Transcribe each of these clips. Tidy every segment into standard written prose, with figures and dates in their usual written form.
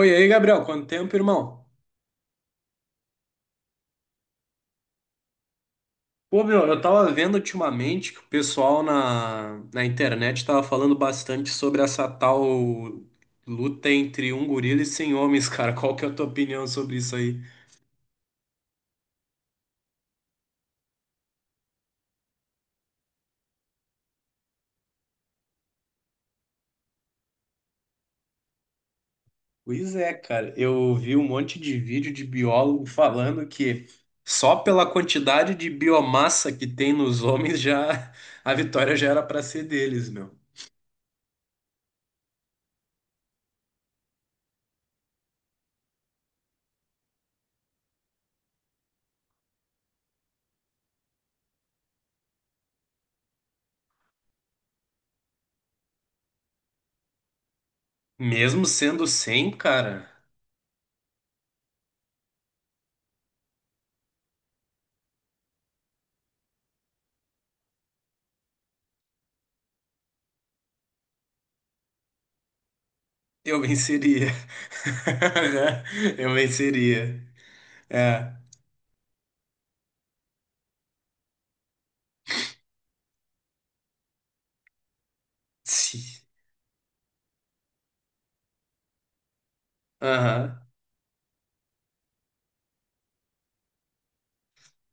Oi, aí, Gabriel, quanto tempo, irmão? Pô, meu, eu tava vendo ultimamente que o pessoal na internet tava falando bastante sobre essa tal luta entre um gorila e 100 homens, cara. Qual que é a tua opinião sobre isso aí? Pois é, cara, eu vi um monte de vídeo de biólogo falando que só pela quantidade de biomassa que tem nos homens já a vitória já era pra ser deles, meu. Mesmo sendo 100, cara. Eu venceria. Eu venceria. É. Sim. Aham.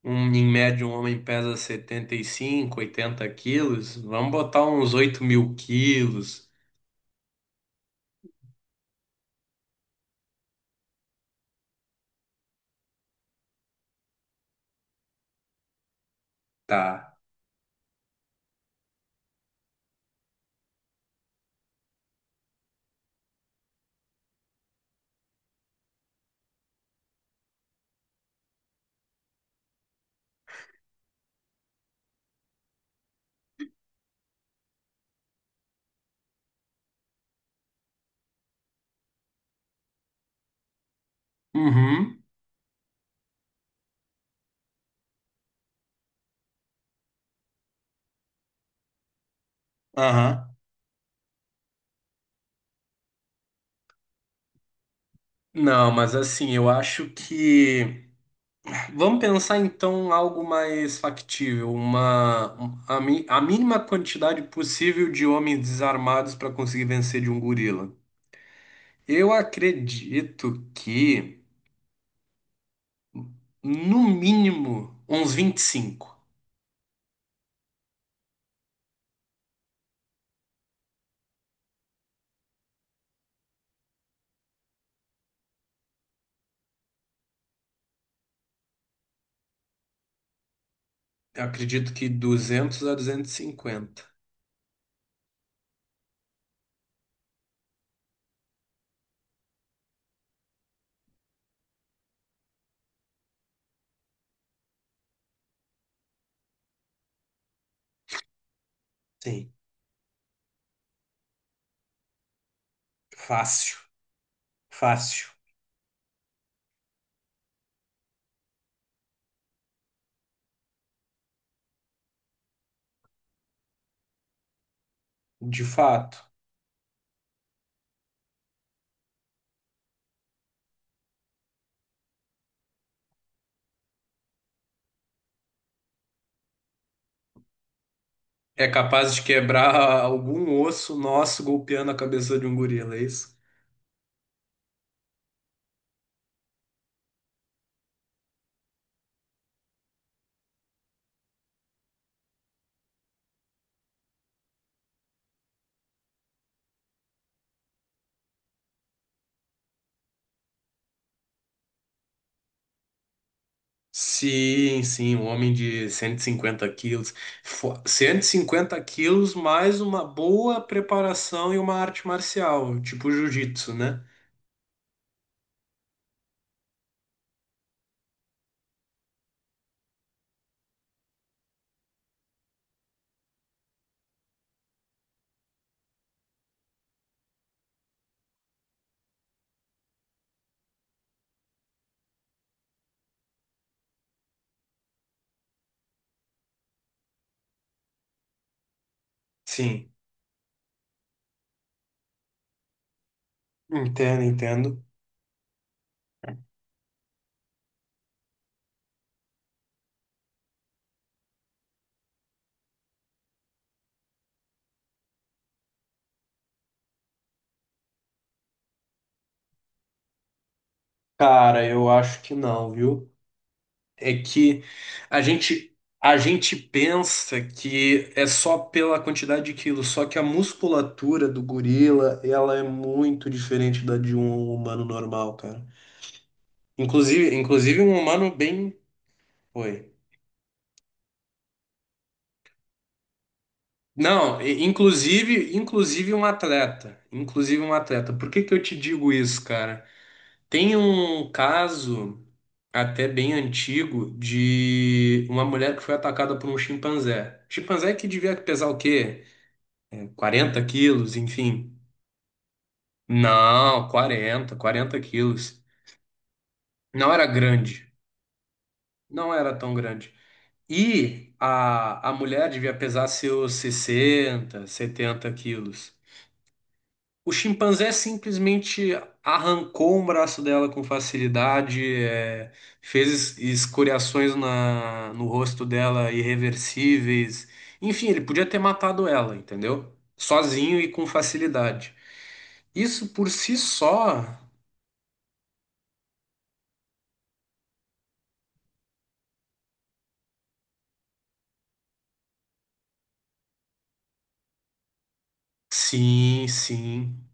Um, em média, um homem pesa 75 80 quilos. Vamos botar uns 8 mil quilos. Tá. Uhum. Aham. Não, mas assim, eu acho que. Vamos pensar então algo mais factível. Uma. Um- A, mi- a mínima quantidade possível de homens desarmados para conseguir vencer de um gorila. Eu acredito que. No mínimo, uns 25. Eu acredito que 200 a 250. Sim, fácil, fácil, de fato. É capaz de quebrar algum osso nosso golpeando a cabeça de um gorila, é isso? Sim, sim, um homem de 150 quilos. 150 quilos mais uma boa preparação e uma arte marcial, tipo jiu-jitsu, né? Sim, entendo, entendo. Cara, eu acho que não, viu? É que a gente a gente pensa que é só pela quantidade de quilos, só que a musculatura do gorila, ela é muito diferente da de um humano normal, cara. Inclusive, inclusive um humano bem, oi. Não, inclusive um atleta, inclusive um atleta. Por que que eu te digo isso, cara? Tem um caso até bem antigo de uma mulher que foi atacada por um chimpanzé. Chimpanzé que devia pesar o quê? 40 quilos, enfim. Não, 40, 40 quilos. Não era grande. Não era tão grande. E a mulher devia pesar seus 60, 70 quilos. O chimpanzé simplesmente arrancou um braço dela com facilidade, é, fez escoriações no rosto dela irreversíveis. Enfim, ele podia ter matado ela, entendeu? Sozinho e com facilidade. Isso por si só. Sim, sim,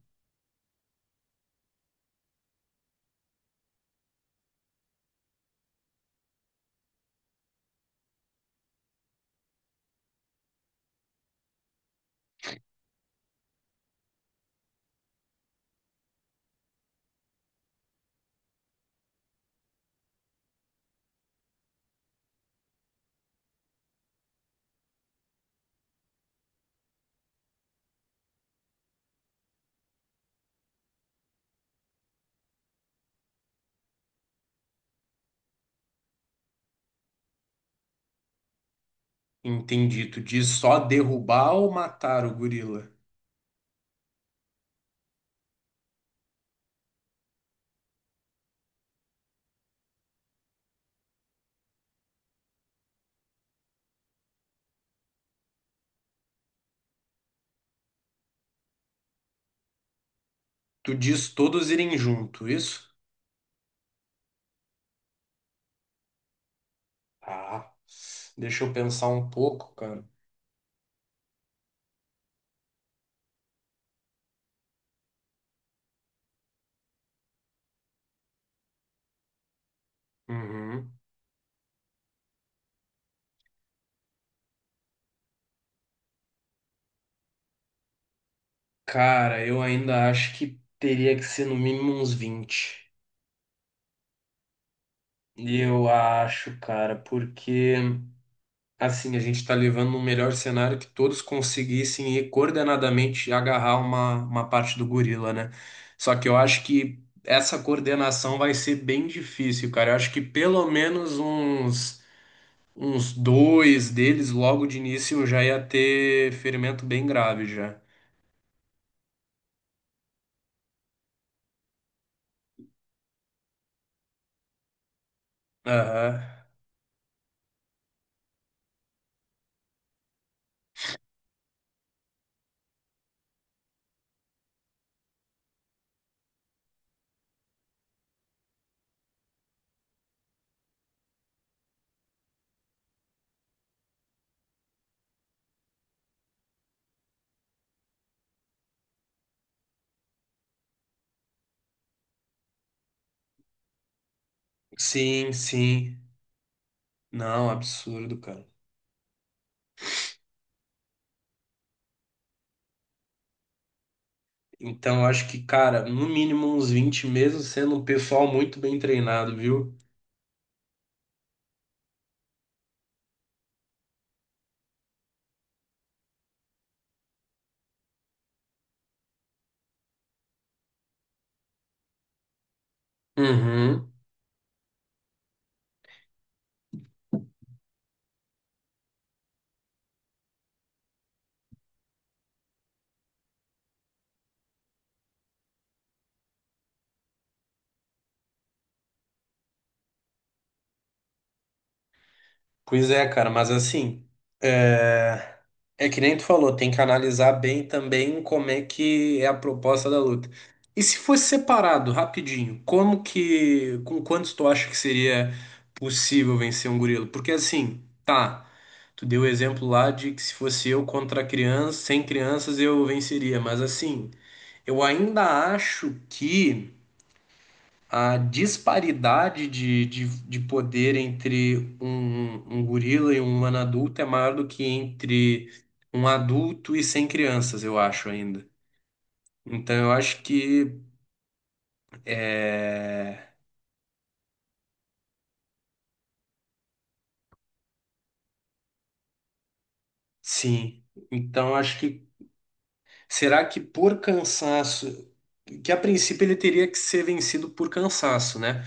entendi. Tu diz só derrubar ou matar o gorila? Tu diz todos irem junto, isso? Ah, deixa eu pensar um pouco, cara. Uhum. Cara, eu ainda acho que teria que ser no mínimo uns 20. Eu acho, cara, porque assim, a gente está levando um melhor cenário que todos conseguissem ir coordenadamente agarrar uma parte do gorila, né? Só que eu acho que essa coordenação vai ser bem difícil, cara. Eu acho que pelo menos uns dois deles logo de início já ia ter ferimento bem grave já. Aham. Sim, sim. Não, absurdo, cara. Então, eu acho que, cara, no mínimo uns 20 mesmo, sendo um pessoal muito bem treinado, viu? Uhum. Pois é, cara, mas assim, é... é que nem tu falou, tem que analisar bem também como é que é a proposta da luta. E se fosse separado, rapidinho, como que, com quantos tu acha que seria possível vencer um gorila? Porque assim, tá, tu deu o exemplo lá de que se fosse eu contra criança, sem crianças eu venceria, mas assim, eu ainda acho que a disparidade de poder entre um gorila e um humano adulto é maior do que entre um adulto e 100 crianças, eu acho ainda. Então eu acho que é, sim. Então eu acho que será que por cansaço, que a princípio ele teria que ser vencido por cansaço, né?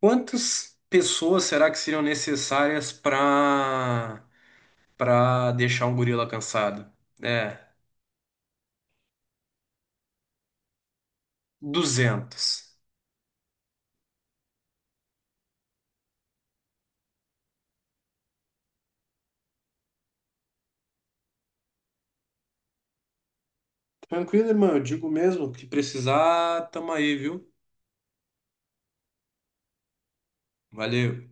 Quantas pessoas será que seriam necessárias para deixar um gorila cansado? É. 200. Tranquilo, irmão. Eu digo mesmo que precisar, tamo aí, viu? Valeu.